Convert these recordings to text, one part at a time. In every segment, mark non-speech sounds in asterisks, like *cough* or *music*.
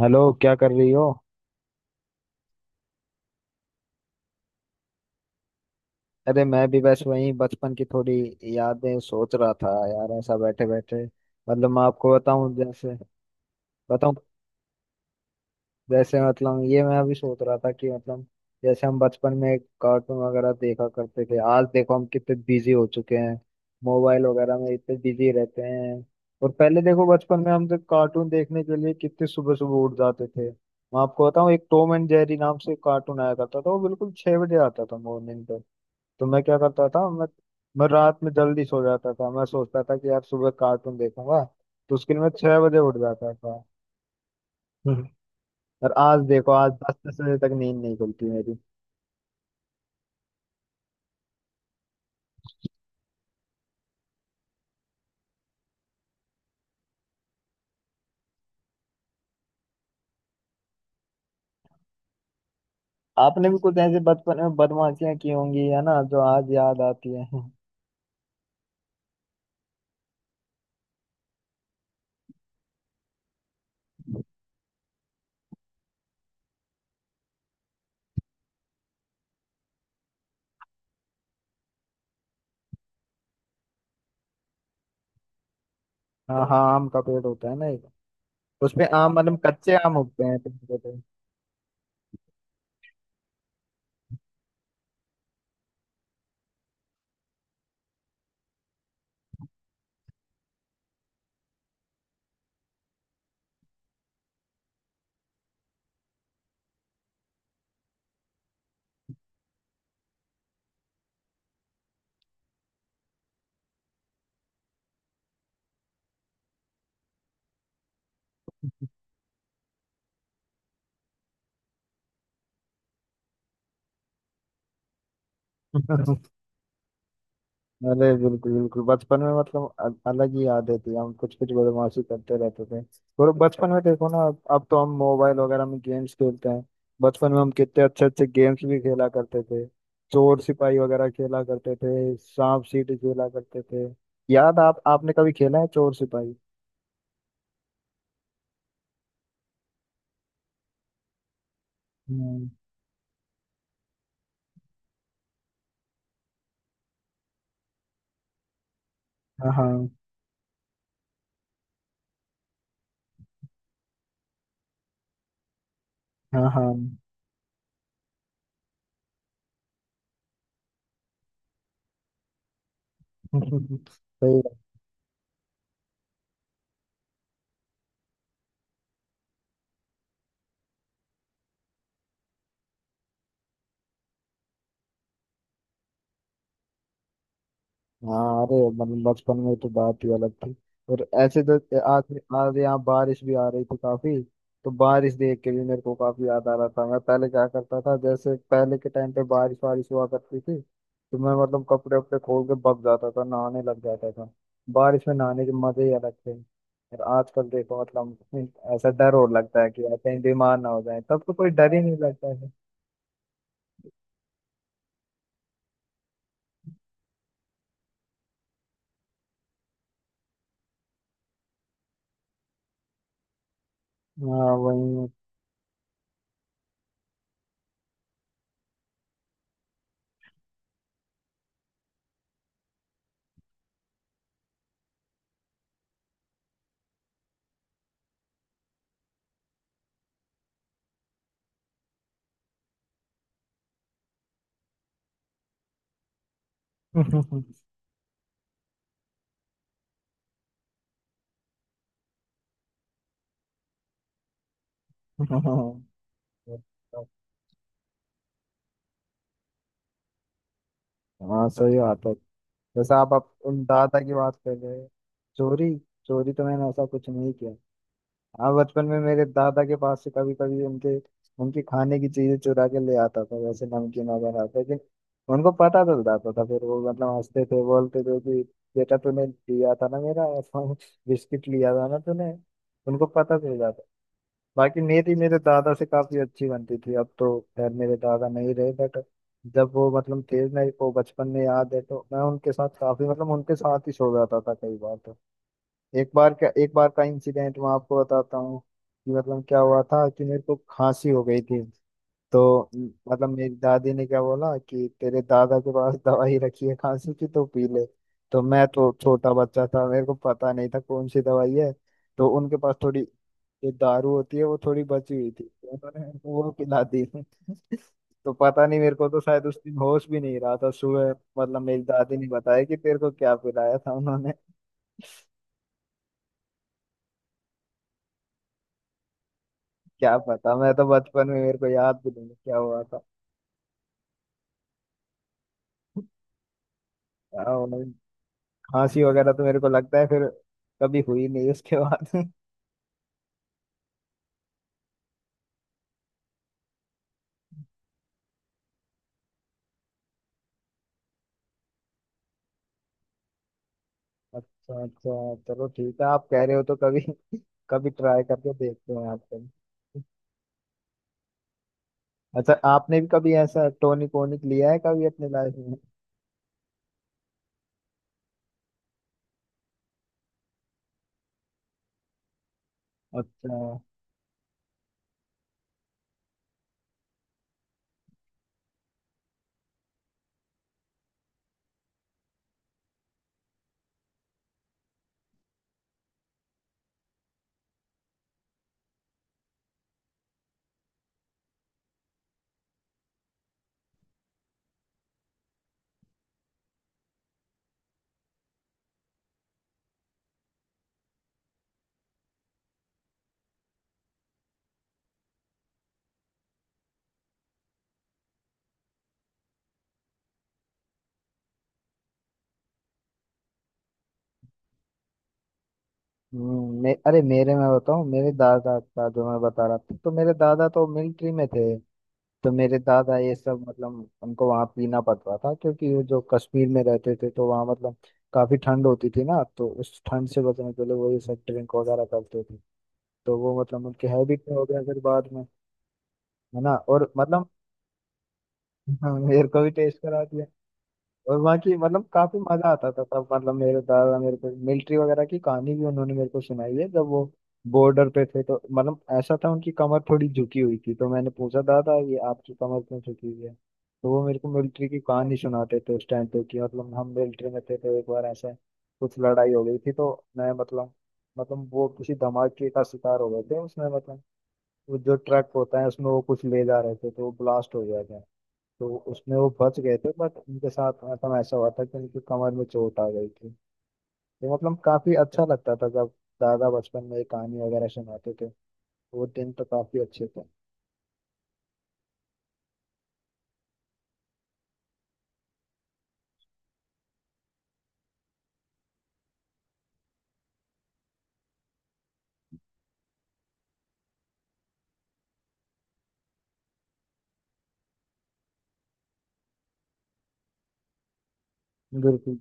Hello, क्या कर रही हो? अरे मैं भी बस वही बचपन की थोड़ी यादें सोच रहा था यार, ऐसा बैठे बैठे। मतलब मैं आपको बताऊं जैसे। बताऊं, जैसे मतलब ये मैं अभी सोच रहा था कि मतलब जैसे हम बचपन में कार्टून वगैरह देखा करते थे, आज देखो हम कितने बिजी हो चुके हैं। मोबाइल वगैरह में इतने बिजी रहते हैं। और पहले देखो, बचपन में हम तो कार्टून देखने के लिए कितने सुबह सुबह उठ जाते थे। मैं आपको बताऊं, एक टॉम एंड जेरी नाम से कार्टून आया करता था, वो बिल्कुल 6 बजे आता था मॉर्निंग पे। तो मैं क्या करता था, मैं रात में जल्दी सो जाता था। मैं सोचता था कि यार सुबह कार्टून देखूंगा, तो उसके लिए मैं 6 बजे उठ जाता था। हम्म। और आज देखो, आज 10-10 बजे तक नींद नहीं खुलती मेरी। आपने भी कुछ ऐसे बचपन में बदमाशियां की होंगी है ना, जो आज याद आती है हाँ हाँ, आम का पेड़ होता है ना एक। उसपे आम मतलब कच्चे आम उगते हैं। तो, *laughs* अरे बिल्कुल बिल्कुल, बचपन में मतलब अलग ही यादें थी हम कुछ कुछ बदमाशी करते रहते थे। और बचपन में देखो ना, अब तो हम मोबाइल वगैरह में गेम्स खेलते हैं। बचपन में हम कितने अच्छे अच्छे गेम्स भी खेला करते थे। चोर सिपाही वगैरह खेला करते थे, सांप सीढ़ी खेला करते थे। याद, आप आपने कभी खेला है चोर सिपाही? हम्म, हाँ हाँ। हाँ हाँ। *laughs* सही। हाँ, अरे मतलब बचपन में तो बात ही अलग थी। और ऐसे तो आज। आज यहाँ बारिश भी आ रही थी काफी। तो बारिश देख के भी मेरे को काफी याद आ रहा था। मैं पहले क्या करता था, जैसे पहले के टाइम पे बारिश वारिश हुआ करती थी तो मैं मतलब कपड़े वपड़े खोल के भग जाता था, नहाने लग जाता था। बारिश में नहाने के मजे ही अलग थे। और आजकल देखो मतलब ऐसा डर और लगता है कि यार कहीं बीमार ना हो जाए तब तो कोई डर ही नहीं लगता है। हाँ वही है। *laughs* हाँ सही बात है। जैसे आप उन दादा की बात कर रहे हैं। चोरी। चोरी तो मैंने ऐसा कुछ नहीं किया। हाँ, बचपन में मेरे दादा के पास से कभी कभी उनके उनकी खाने की चीजें चुरा के ले आता था, वैसे नमकीन वगैरह। लेकिन उनको पता चल जाता था। फिर वो मतलब हंसते थे, बोलते थे कि बेटा तूने लिया था ना मेरा। *laughs* बिस्किट लिया था ना तूने, उनको पता चल जाता। बाकी मेरी मेरे दादा से काफी अच्छी बनती थी। अब तो खैर मेरे दादा नहीं रहे, बट जब वो मतलब थे, मेरे को बचपन में याद है तो मैं उनके साथ काफी मतलब उनके साथ ही सो जाता था कई बार। तो एक बार का इंसिडेंट मैं आपको बताता हूँ कि मतलब क्या हुआ था कि मेरे को खांसी हो गई थी। तो मतलब मेरी दादी ने क्या बोला कि तेरे दादा के पास दवाई रखी है खांसी की, तो पी ले। तो मैं तो छोटा बच्चा था, मेरे को पता नहीं था कौन सी दवाई है। तो उनके पास थोड़ी ये दारू होती है, वो थोड़ी बची हुई थी, तो उन्होंने मेरे को वो पिला दी। तो पता नहीं, मेरे को तो शायद उस दिन होश भी नहीं रहा था। सुबह मतलब मेरी दादी ने बताया कि तेरे को क्या पिलाया था उन्होंने। क्या पता, मैं तो बचपन में, मेरे को याद भी नहीं क्या हुआ था। क्या हुआ नहीं। खांसी वगैरह तो मेरे को लगता है फिर कभी हुई नहीं उसके बाद। *laughs* अच्छा अच्छा, चलो ठीक है, आप कह रहे हो तो कभी कभी ट्राई करके देखते हैं। आपको अच्छा? आपने भी कभी ऐसा टोनिक वोनिक लिया है कभी अपने लाइफ में? अच्छा। अरे मेरे, मैं बताऊं, मेरे दादा का जो मैं बता रहा था, तो मेरे दादा तो मिलिट्री में थे। तो मेरे दादा ये सब मतलब उनको वहाँ पीना पड़ता था, क्योंकि वो जो कश्मीर में रहते थे तो वहाँ मतलब काफी ठंड होती थी ना, तो उस ठंड से बचने के लिए वो ये सब ड्रिंक वगैरह करते थे। तो वो मतलब उनके हैबिट में हो गया फिर बाद में, है ना? और मतलब *laughs* मेरे को भी टेस्ट करा। और वहाँ की मतलब काफी मजा आता था तब। मतलब मेरे दादा मेरे को मिलिट्री वगैरह की कहानी भी उन्होंने मेरे को सुनाई है, जब वो बॉर्डर पे थे। तो मतलब ऐसा था, उनकी कमर थोड़ी झुकी हुई थी, तो मैंने पूछा दादा ये आपकी कमर क्यों झुकी हुई है, तो वो मेरे को मिलिट्री की कहानी सुनाते थे उस टाइम पे कि मतलब हम मिलिट्री में थे तो एक बार ऐसा कुछ लड़ाई हो गई थी। तो मैं मतलब वो किसी धमाके का शिकार हो गए थे उसमें। मतलब वो जो ट्रक होता है, उसमें वो कुछ ले जा रहे थे तो वो ब्लास्ट हो गया था। तो उसमें वो बच गए थे, बट उनके साथ मतलब ऐसा हुआ था कि उनकी कमर में चोट आ गई थी। तो मतलब काफी अच्छा लगता था जब दादा बचपन में ये कहानी वगैरह सुनाते थे। वो दिन तो काफी अच्छे थे। बिल्कुल।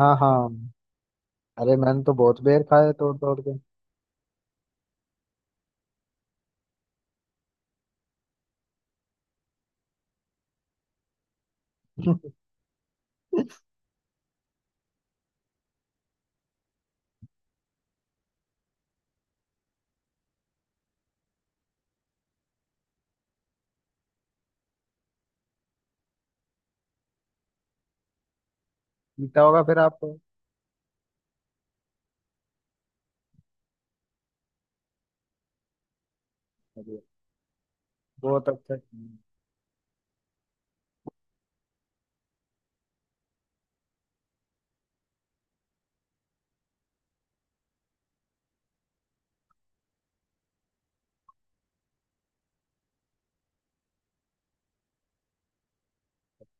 हाँ हाँ, अरे मैंने तो बहुत बेर खाए तोड़ तोड़ के। *laughs* पीता होगा फिर आपको। अरे बहुत अच्छा।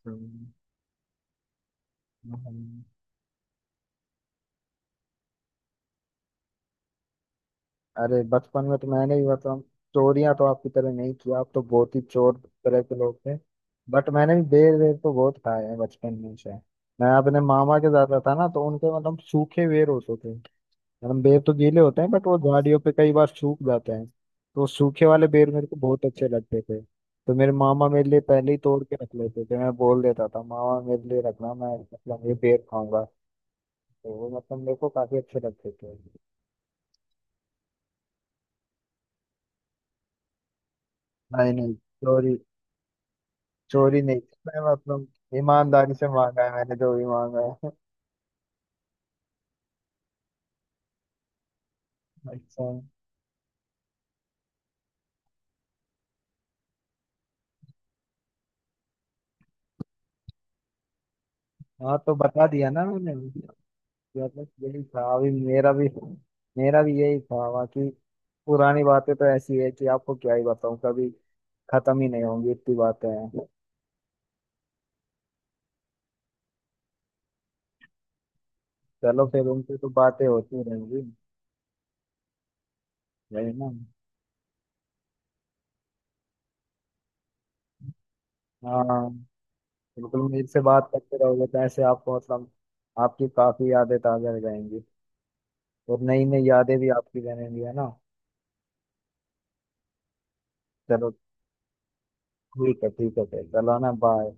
हम्म, हम्म, अरे बचपन में तो मैंने भी मतलब चोरियां तो आपकी तरह नहीं किया। आप तो बहुत ही चोर तरह के लोग थे। बट मैंने भी बेर वेर तो बहुत खाए हैं बचपन में से। मैं अपने मामा के जाता था ना, तो उनके मतलब सूखे बेर होते थे। मतलब बेर तो गीले होते हैं, बट वो झाड़ियों पे कई बार सूख जाते हैं। तो सूखे वाले बेर मेरे को बहुत अच्छे लगते थे, तो मेरे मामा मेरे लिए पहले ही तोड़ के रख लेते थे। मैं बोल देता था मामा मेरे लिए रखना, मैं मतलब ये बेर खाऊंगा। तो वो मतलब मेरे को काफी अच्छे लगते थे। नहीं नहीं, सॉरी, चोरी नहीं की मैं, मतलब ईमानदारी से मांगा है मैंने, जो भी मांगा है। अच्छा। हाँ तो बता दिया ना मैंने। मतलब यही था अभी मेरा भी। मेरा भी यही था। बाकी पुरानी बातें तो ऐसी है कि आपको क्या ही बताऊं, कभी खत्म ही नहीं होंगी, इतनी बातें हैं। चलो फिर, उनसे तो बातें होती रहेंगी। वही ना। हाँ बिल्कुल, मेरे से बात करते रहोगे तो ऐसे आपको मतलब आपकी काफी यादें ताजा हो जाएंगी। और नई नई यादें भी आपकी बनेंगी, है ना? चलो ठीक है, ठीक है सर, चलो ना, बाय।